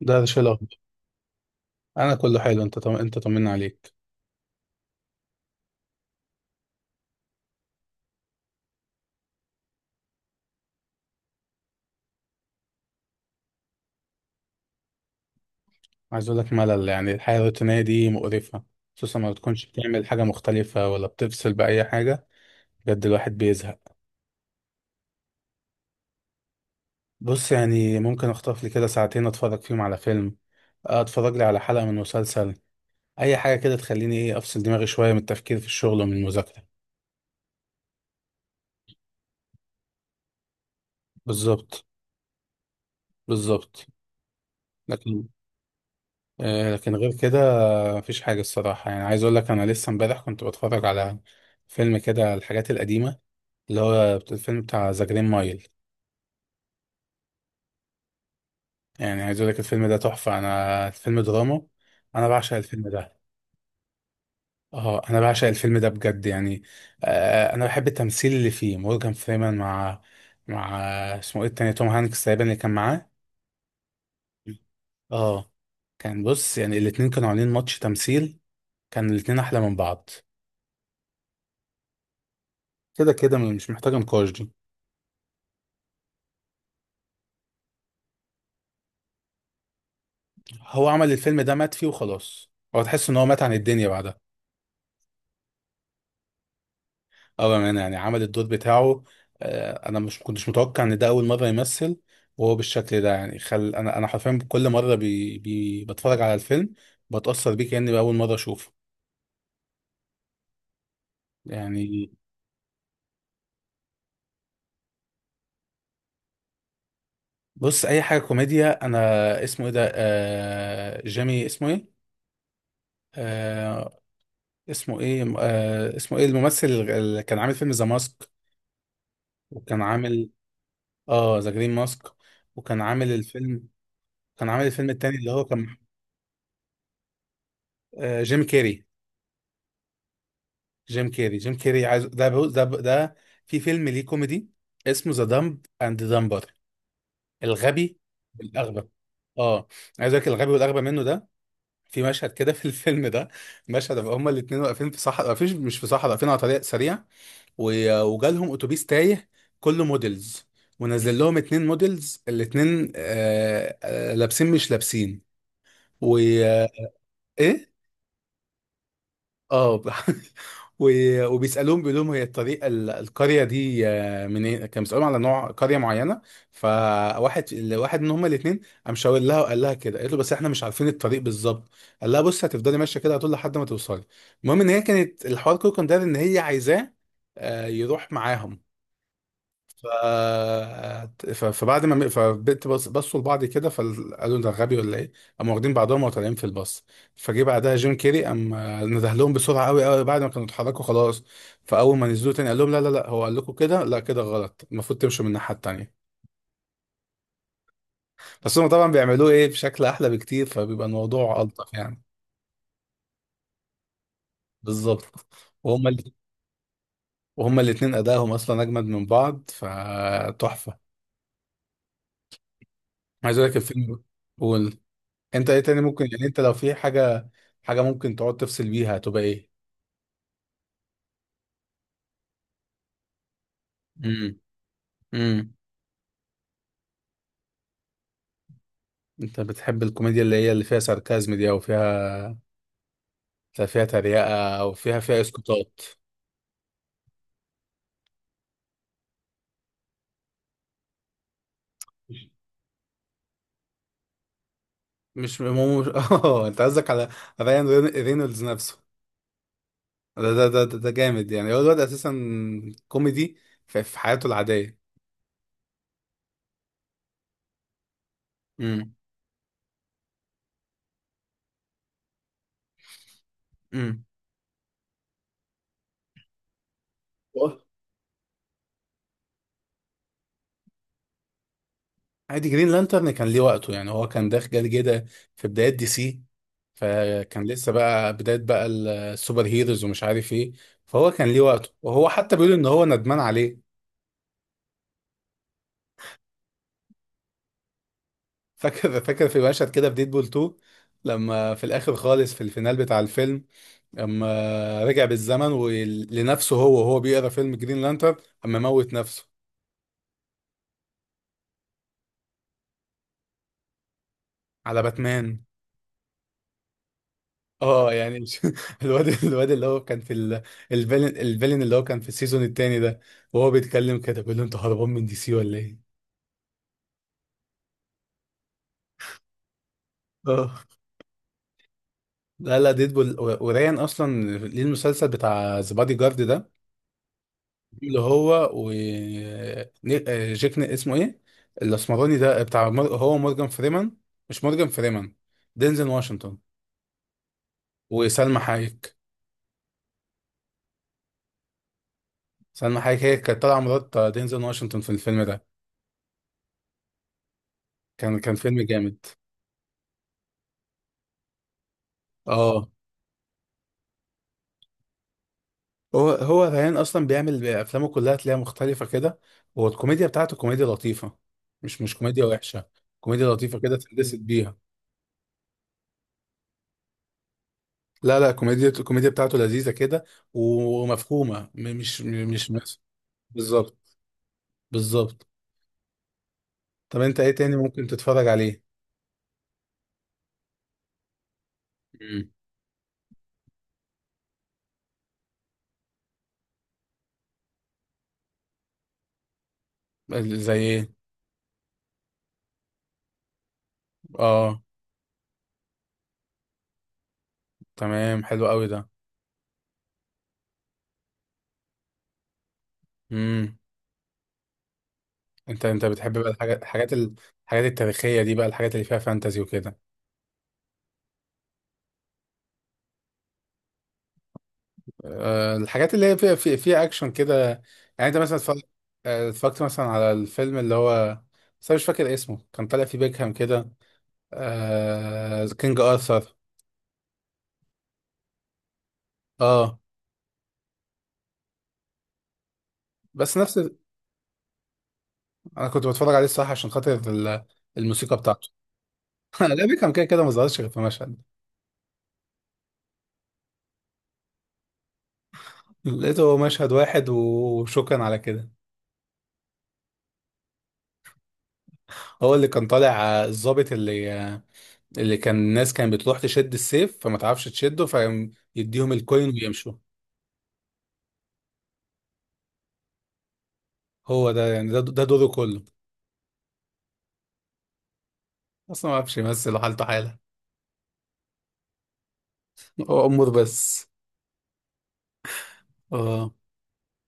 ده شيء الاخبار. انا كله حلو، انت طمنا عليك. عايز اقول لك ملل، يعني الحياه الروتينيه دي مقرفه، خصوصا ما بتكونش بتعمل حاجه مختلفه ولا بتفصل باي حاجه. بجد الواحد بيزهق. بص، يعني ممكن اخطف لي كده ساعتين اتفرج فيهم على فيلم، اتفرج لي على حلقه من مسلسل، اي حاجه كده تخليني ايه افصل دماغي شويه من التفكير في الشغل ومن المذاكره. بالظبط. بالظبط. لكن، آه لكن غير كده مفيش حاجه الصراحه. يعني عايز اقول لك انا لسه امبارح كنت بتفرج على فيلم كده، الحاجات القديمه، اللي هو الفيلم بتاع ذا جرين مايل. يعني عايز اقول لك الفيلم ده تحفة، انا الفيلم دراما، انا بعشق الفيلم ده. اه انا بعشق الفيلم ده بجد يعني. آه انا بحب التمثيل اللي فيه مورجان فريمان مع مع اسمه ايه التاني، توم هانكس تقريبا اللي كان معاه. اه كان، بص يعني الاتنين كانوا عاملين ماتش تمثيل، كان الاتنين احلى من بعض، كده كده مش محتاجة نقاش دي. هو عمل الفيلم ده مات فيه وخلاص، هو تحس ان هو مات عن الدنيا بعدها. اه بأمانة يعني عمل الدور بتاعه. انا مش كنتش متوقع ان ده اول مرة يمثل وهو بالشكل ده. يعني خل انا حرفيا كل مرة بتفرج على الفيلم بتأثر بيه كأني بأول مرة اشوفه يعني. بص اي حاجة كوميديا انا. اسمه ايه ده، جيمي اسمه ايه، آه... اسمه ايه، اسمه ايه الممثل اللي كان عامل فيلم ذا ماسك، وكان عامل. اه ذا جرين ماسك، وكان عامل الفيلم، كان عامل الفيلم التاني اللي هو كان، جيم كيري. جيم كيري عايز، ده بو... ده ب... ده في فيلم ليه كوميدي اسمه ذا دمب اند دمبر، الغبي والاغبى. اه عايز اقول لك الغبي والاغبى منه ده، في مشهد كده في الفيلم ده، مشهد أبقى هما الاثنين واقفين في صحراء، واقفين مش في صحراء، واقفين على طريق سريع، وجالهم اتوبيس تايه كله موديلز، ونزل لهم اتنين موديلز، الاتنين لابسين مش لابسين و... ايه اه وبيسالوهم بيقول لهم هي الطريق، القريه دي، منين، كان بيسالوهم على نوع قريه معينه. فواحد، واحد من هما الاثنين قام شاور لها وقال لها كده، قالت له بس احنا مش عارفين الطريق بالظبط، قال لها بص هتفضلي ماشيه كده هتقول لحد ما توصلي. المهم ان هي كانت، الحوار كله كان داير ان هي عايزاه يروح معاهم. ف... فبعد ما بصوا لبعض كده، فقالوا ده غبي ولا ايه، قاموا واخدين بعضهم وطالعين في الباص. فجه بعدها جيم كيري قام نده لهم بسرعه، قوي قوي، بعد ما كانوا اتحركوا خلاص، فاول ما نزلوا تاني قال لهم لا لا لا، هو قال لكم كده، لا كده غلط، المفروض تمشوا من الناحيه التانيه. بس هم طبعا بيعملوه ايه بشكل احلى بكتير فبيبقى الموضوع الطف يعني. بالظبط. وهم ال... وهم الاثنين ادائهم اصلا اجمد من بعض، فتحفه. عايز اقول لك الفيلم. قول. انت ايه تاني ممكن، يعني انت لو في حاجه، حاجة ممكن تقعد تفصل بيها هتبقى ايه؟ امم. امم. انت بتحب الكوميديا اللي هي اللي فيها ساركازم دي، او فيها، فيها تريقة او فيها اسقاطات؟ مش اه انت قصدك على رايان رينولدز نفسه. ده جامد يعني، هو الواد اساسا كوميدي في حياته العادية. امم. امم. عادي، جرين لانترن كان ليه وقته، يعني هو كان داخل جاي كده في بدايات دي سي، فكان لسه بقى بداية بقى السوبر هيروز ومش عارف ايه، فهو كان ليه وقته، وهو حتى بيقول ان هو ندمان عليه. فاكر في مشهد كده في ديدبول 2، لما في الاخر خالص في الفينال بتاع الفيلم، اما رجع بالزمن ولنفسه هو، وهو بيقرا فيلم جرين لانترن، اما موت نفسه. على باتمان. اه يعني مش، الواد اللي هو كان في الفيلن اللي هو كان في السيزون التاني ده، وهو بيتكلم كده بيقول له انت هربان من دي سي ولا ايه؟ اه لا لا، ديدبول وريان اصلا ليه المسلسل بتاع ذا بادي جارد ده، اللي هو و اسمه ايه الاسمراني ده، هو مورجان فريمان، مش مورجان فريمان، دينزل واشنطن. وسلمى حايك. سلمى حايك هي كانت طالعه مرات دينزل واشنطن في الفيلم ده، كان كان فيلم جامد. اه هو ريان اصلا بيعمل افلامه كلها تلاقيها مختلفه كده، والكوميديا بتاعته كوميديا لطيفه، مش كوميديا وحشه، كوميديا لطيفه كده تندسك بيها. لا لا، كوميديا، الكوميديا بتاعته لذيذة كده، ومفهومة م- مش م- مش مس بالظبط. بالظبط. طب انت ايه تاني ممكن تتفرج عليه؟ مم. زي ايه؟ اه تمام، حلو قوي ده. امم. انت بتحب بقى الحاجات التاريخية دي بقى، الحاجات اللي فيها فانتازي وكده؟ آه الحاجات اللي هي فيها فيها اكشن كده، يعني انت مثلا اتفرجت مثلا على الفيلم اللي هو، بس انا مش فاكر اسمه، كان طالع فيه بيكهام كده، آه كينج ارثر. اه بس نفس، انا كنت بتفرج عليه الصراحه عشان خاطر الموسيقى بتاعته. انا ليبي كان كده كده ما ظهرش غير في مشهد، لقيته هو مشهد واحد وشكرا على كده. هو اللي كان طالع، الضابط اللي اللي كان الناس كانت بتروح تشد السيف فما تعرفش تشده، فيديهم الكوين ويمشوا. هو ده يعني، ده دوره كله، اصلا ما عرفش يمثل وحالته حاله. هو امور بس. اه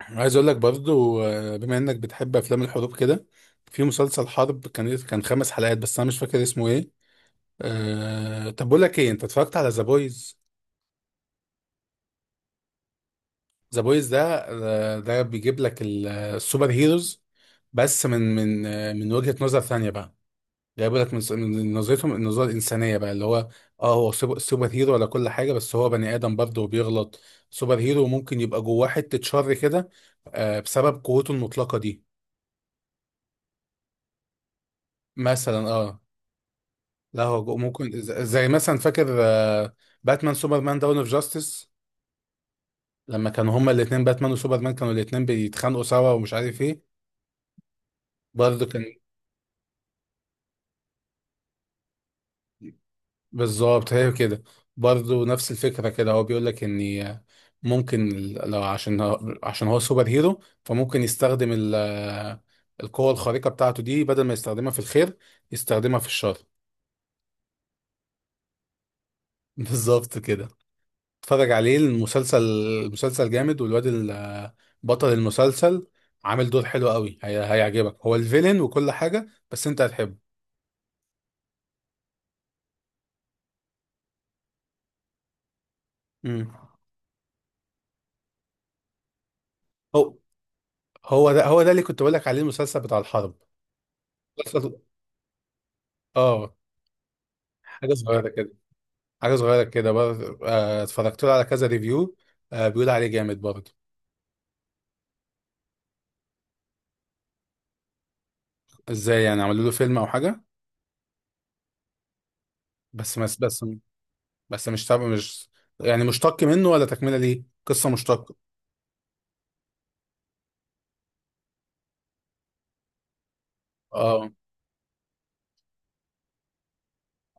عايز اقول لك برضو، بما انك بتحب افلام الحروب كده، في مسلسل حرب كان، كان خمس حلقات بس انا مش فاكر اسمه ايه. طب بقول لك ايه، انت اتفرجت على ذا بويز؟ ذا بويز ده، ده بيجيب لك السوبر هيروز، بس من وجهة نظر ثانية بقى، جايب لك من من نظرتهم النظرة الإنسانية بقى، اللي هو اه هو سوبر هيرو ولا كل حاجة، بس هو بني آدم برضه وبيغلط، سوبر هيرو ممكن يبقى جواه حتة شر كده، بسبب قوته المطلقة دي. مثلا اه. لا هو ممكن زي مثلا، فاكر، باتمان سوبرمان داون اوف جاستس، لما كانوا هما الاتنين باتمان وسوبرمان كانوا الاتنين بيتخانقوا سوا ومش عارف ايه، برضه كان. بالظبط هي كده. برضه نفس الفكرة كده، هو بيقول لك ان ممكن لو عشان عشان هو سوبر هيرو، فممكن يستخدم القوة الخارقة بتاعته دي بدل ما يستخدمها في الخير، يستخدمها في الشر. بالظبط كده. اتفرج عليه المسلسل، المسلسل جامد، بطل المسلسل عامل دور حلو قوي، هيعجبك هو الفيلن وكل حاجة بس انت هتحبه. مم. هو ده اللي كنت بقول لك عليه، المسلسل بتاع الحرب. مسلسل- اه، حاجه صغيره كده، حاجه صغيره كده برضه، اتفرجت له على كذا ريفيو، بيقول عليه جامد برضه. ازاي يعني، عملوا له فيلم او حاجه؟ بس بس مش تابع، مش يعني مشتق منه، ولا تكمله ليه قصه مشتقه؟ اه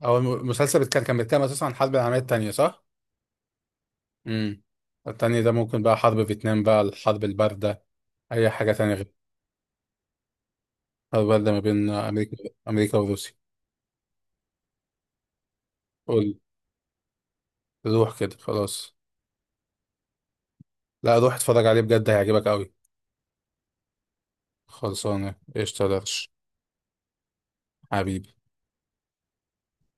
هو المسلسل بيتكلم، كان بيتكلم اساسا عن الحرب العالميه الثانيه صح؟ امم. الثانيه ده ممكن بقى حرب فيتنام بقى، الحرب البارده، اي حاجه تانية غير. الحرب البارده ما بين امريكا، امريكا وروسيا. قول. روح كده خلاص. لا روح اتفرج عليه بجد هيعجبك قوي. خلصانه قشطه يا درش. حبيبي.